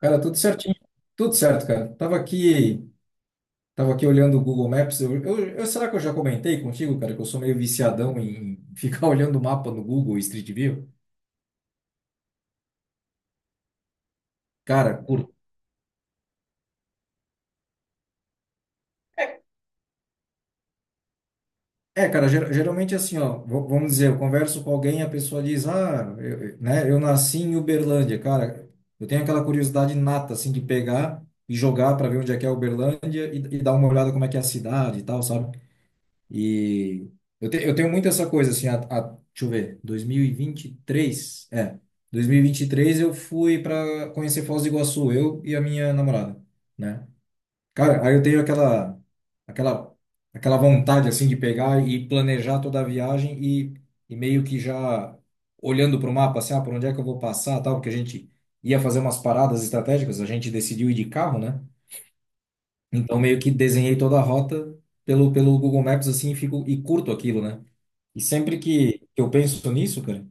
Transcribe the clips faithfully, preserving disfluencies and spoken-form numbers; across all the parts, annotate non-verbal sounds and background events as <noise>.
Cara, tudo certinho. Tudo certo, cara. Tava aqui, tava aqui olhando o Google Maps. Eu, eu- eu- será que eu já comentei contigo, cara, que eu sou meio viciadão em <laughs> ficar olhando o mapa no Google Street View? Cara, cur- é, cara, ger- geralmente assim, ó, v- vamos dizer, eu converso com alguém e a pessoa diz, ah, eu, eu- né, eu nasci em Uberlândia, cara. Eu tenho aquela curiosidade nata, assim, de pegar e jogar para ver onde é que é Uberlândia e, e dar uma olhada como é que é a cidade e tal, sabe? E eu, te- eu tenho muito essa coisa, assim, a, a, deixa eu ver, dois mil e vinte e três é, dois mil e e vinte e três eu fui para conhecer Foz do Iguaçu, eu e a minha namorada, né? Cara, aí eu tenho aquela, aquela, aquela vontade, assim, de pegar e planejar toda a viagem e, e meio que já olhando para o mapa, assim, ah, por onde é que eu vou passar, tal, porque a gente ia fazer umas paradas estratégicas, a gente decidiu ir de carro, né? Então, meio que desenhei toda a rota pelo, pelo Google Maps, assim, e fico, e curto aquilo, né? E sempre que que eu penso nisso, cara,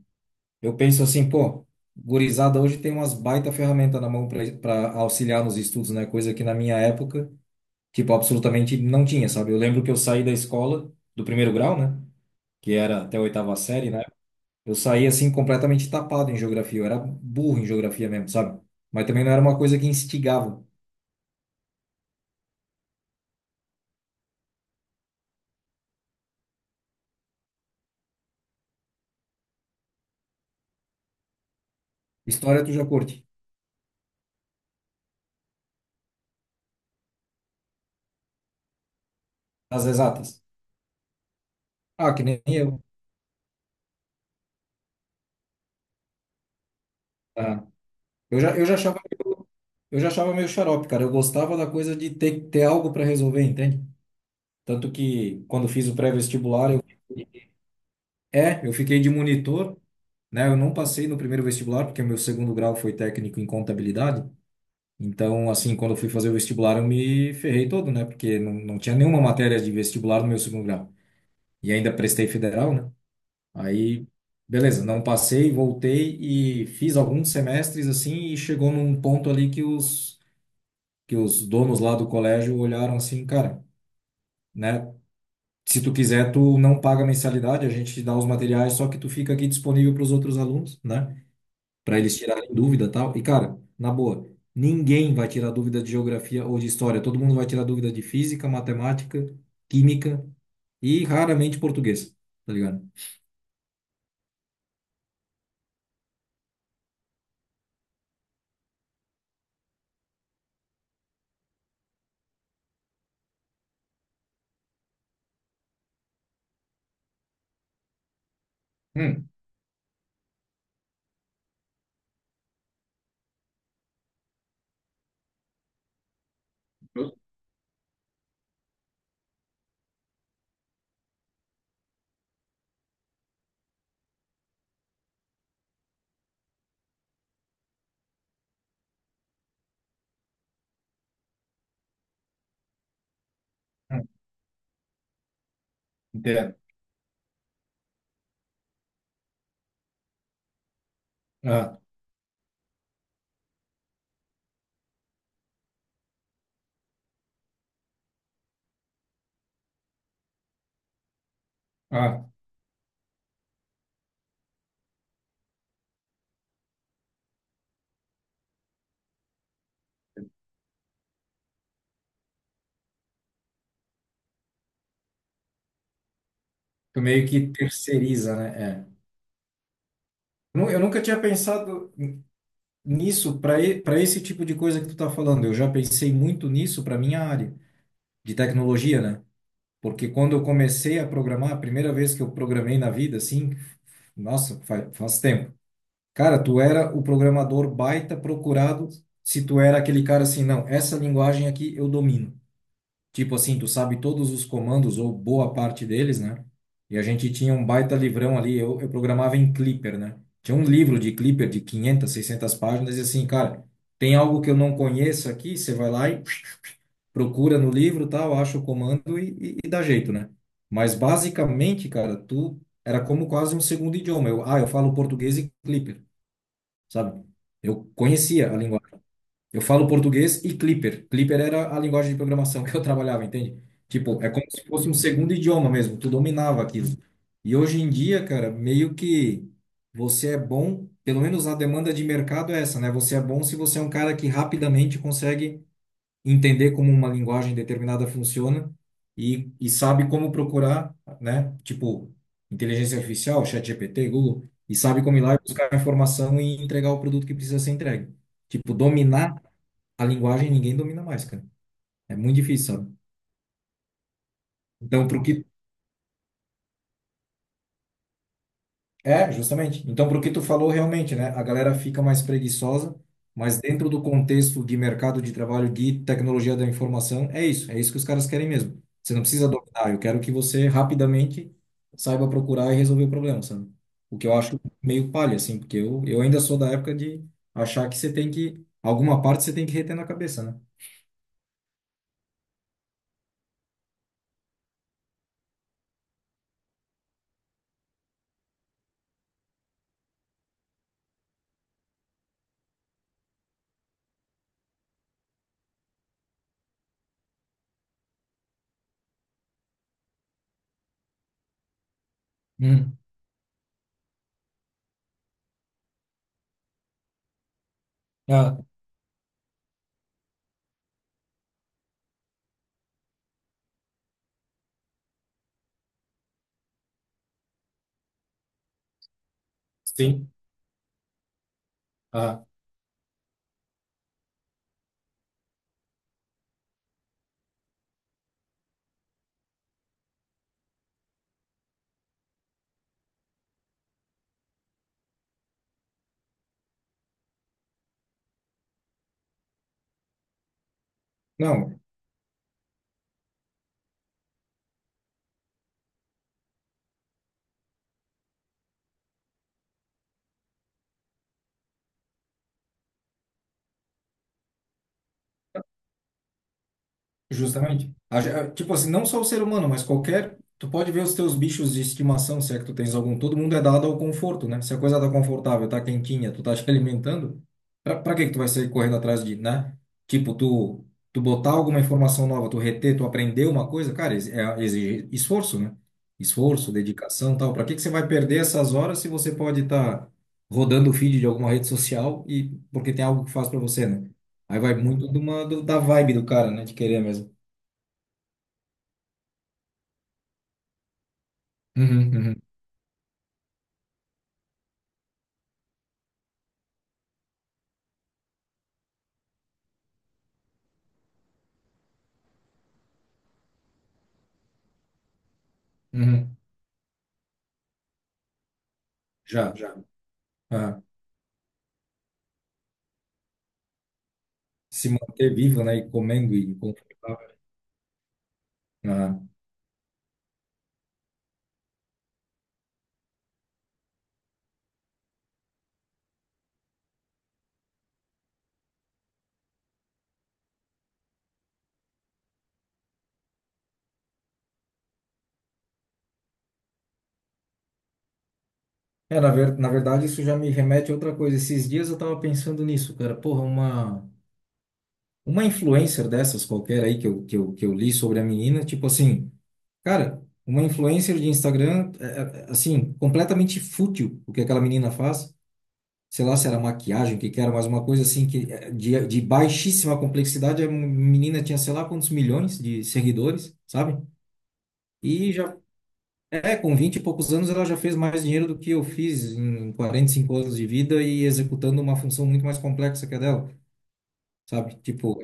eu penso assim, pô, gurizada hoje tem umas baita ferramenta na mão para auxiliar nos estudos, né? Coisa que na minha época, tipo, absolutamente não tinha, sabe? Eu lembro que eu saí da escola, do primeiro grau, né? Que era até a oitava série, né? Eu saí, assim, completamente tapado em geografia. Eu era burro em geografia mesmo, sabe? Mas também não era uma coisa que instigava. História tu já curte. As exatas. Ah, que nem eu. Ah, eu já, eu já achava, eu já achava meio xarope, cara. Eu gostava da coisa de ter, ter algo para resolver, entende? Tanto que quando fiz o pré-vestibular, eu, é, eu fiquei de monitor, né? Eu não passei no primeiro vestibular, porque o meu segundo grau foi técnico em contabilidade. Então, assim, quando eu fui fazer o vestibular, eu me ferrei todo, né? Porque não, não tinha nenhuma matéria de vestibular no meu segundo grau. E ainda prestei federal, né? Aí, beleza, não passei, voltei e fiz alguns semestres, assim, e chegou num ponto ali que os que os donos lá do colégio olharam assim, cara, né? Se tu quiser, tu não paga mensalidade, a gente te dá os materiais, só que tu fica aqui disponível para os outros alunos, né? Para eles tirarem dúvida e tal. E, cara, na boa, ninguém vai tirar dúvida de geografia ou de história. Todo mundo vai tirar dúvida de física, matemática, química e raramente português, tá ligado? Hum, justo. Hum, Entendo. Ah, ah, tu meio que terceiriza, né? É. Nu- Eu nunca tinha pensado. Nisso, para para esse tipo de coisa que tu tá falando, eu já pensei muito nisso para minha área de tecnologia, né? Porque quando eu comecei a programar, a primeira vez que eu programei na vida, assim, nossa, faz, faz tempo. Cara, tu era o programador baita procurado se tu era aquele cara assim, não, essa linguagem aqui eu domino. Tipo assim, tu sabe todos os comandos ou boa parte deles, né? E a gente tinha um baita livrão ali, eu, eu programava em Clipper, né? Tinha um livro de Clipper de quinhentas, seiscentas páginas e assim, cara, tem algo que eu não conheço aqui, você vai lá e <tsk> procura no livro, tal, acha o comando e, e, e dá jeito, né? Mas basicamente, cara, tu era como quase um segundo idioma. Eu, ah, eu falo português e Clipper, sabe? Eu conhecia a língua eu falo português e Clipper. Clipper era a linguagem de programação que eu trabalhava, entende? Tipo, é como se fosse um segundo idioma mesmo, tu dominava aquilo. E hoje em dia, cara, meio que você é bom, pelo menos a demanda de mercado é essa, né? Você é bom se você é um cara que rapidamente consegue entender como uma linguagem determinada funciona e, e sabe como procurar, né? Tipo, inteligência artificial, ChatGPT, Google, e sabe como ir lá e buscar a informação e entregar o produto que precisa ser entregue. Tipo, dominar a linguagem ninguém domina mais, cara. É muito difícil, sabe? Então, pro que. É, justamente. Então, pro que tu falou realmente, né? A galera fica mais preguiçosa, mas dentro do contexto de mercado de trabalho, de tecnologia da informação, é isso. É isso que os caras querem mesmo. Você não precisa dominar. Eu quero que você rapidamente saiba procurar e resolver o problema, sabe? O que eu acho meio palha, assim, porque eu, eu ainda sou da época de achar que você tem que. Alguma parte você tem que reter na cabeça, né? Hum. Ah, sim. Ah, não. Justamente. A ge- a- Tipo assim, não só o ser humano, mas qualquer. Tu pode ver os teus bichos de estimação, se é que tu tens algum. Todo mundo é dado ao conforto, né? Se a coisa tá confortável, tá quentinha, tu tá te <laughs> alimentando, pra, pra que que tu vai sair correndo atrás de, né? Tipo, tu, tu botar alguma informação nova, tu reter, tu aprender uma coisa, cara, ex- é, exige esforço, né? Esforço, dedicação, tal. Pra que que você vai perder essas horas se você pode estar tá rodando o feed de alguma rede social e porque tem algo que faz pra você, né? Aí vai muito de uma, do- da vibe do cara, né? De querer mesmo. Uhum, uhum, uhum. Já, já. Ah. Se manter vivo, né? E comendo e confortável. Aham. É, na, ver, na verdade, isso já me remete a outra coisa. Esses dias eu tava pensando nisso, cara. Porra, uma, uma influencer dessas qualquer aí que eu, que eu, que eu li sobre a menina, tipo assim, cara, uma influencer de Instagram, é, é, assim, completamente fútil o que aquela menina faz. Sei lá se era maquiagem, o que que era, mas uma coisa assim que é, de, de baixíssima complexidade. A menina tinha sei lá quantos milhões de seguidores, sabe? E já é, com vinte e poucos anos ela já fez mais dinheiro do que eu fiz em quarenta e cinco anos de vida e executando uma função muito mais complexa que a dela, sabe? Tipo,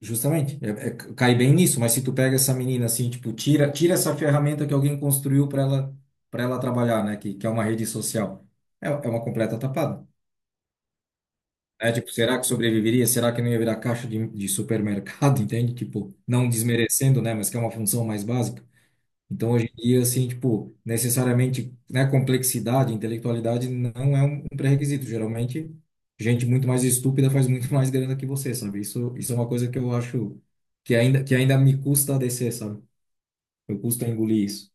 justamente, é, é, cai bem nisso, mas se tu pega essa menina assim, tipo, tira, tira essa ferramenta que alguém construiu para ela para ela trabalhar, né, que, que é uma rede social. É, é uma completa tapada. É tipo, será que sobreviveria? Será que não ia virar caixa de, de supermercado, <laughs> entende? Tipo, não desmerecendo, né, mas que é uma função mais básica. Então, hoje em dia, assim, tipo, necessariamente, né, complexidade, intelectualidade não é um um pré-requisito. Geralmente, gente muito mais estúpida faz muito <laughs> mais grana que você, sabe? Isso, isso é uma coisa que eu acho que ainda, que ainda me custa a descer, sabe? Eu custa a engolir isso.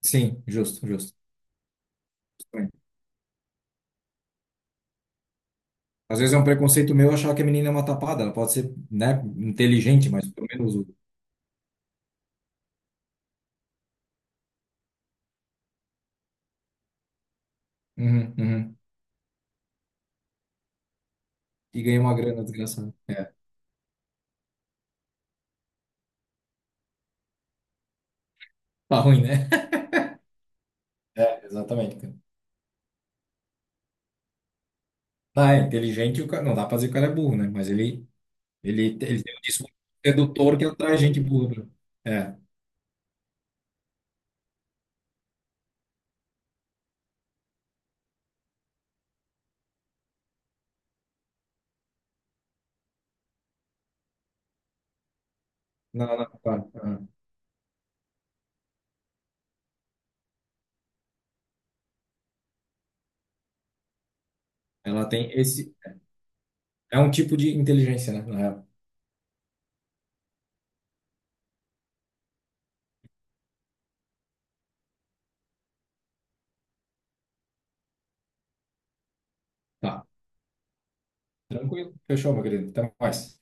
Sim, justo, justo. Às vezes é um preconceito meu achar que a menina é uma tapada. Ela pode ser, né, inteligente, mas pelo menos... o- Uhum, uhum. E ganha uma grana desgraçada. É, tá ruim, né? É, exatamente, cara. Tá, é inteligente, o cara, não dá pra dizer que o cara é burro, né? Mas ele, Ele, te- ele tem um disco redutor que atrai gente burra. É. Não, não, claro. Aham. Ela tem esse. É um tipo de inteligência, né? Na real. Tá. Tranquilo. Fechou, meu querido. Até mais.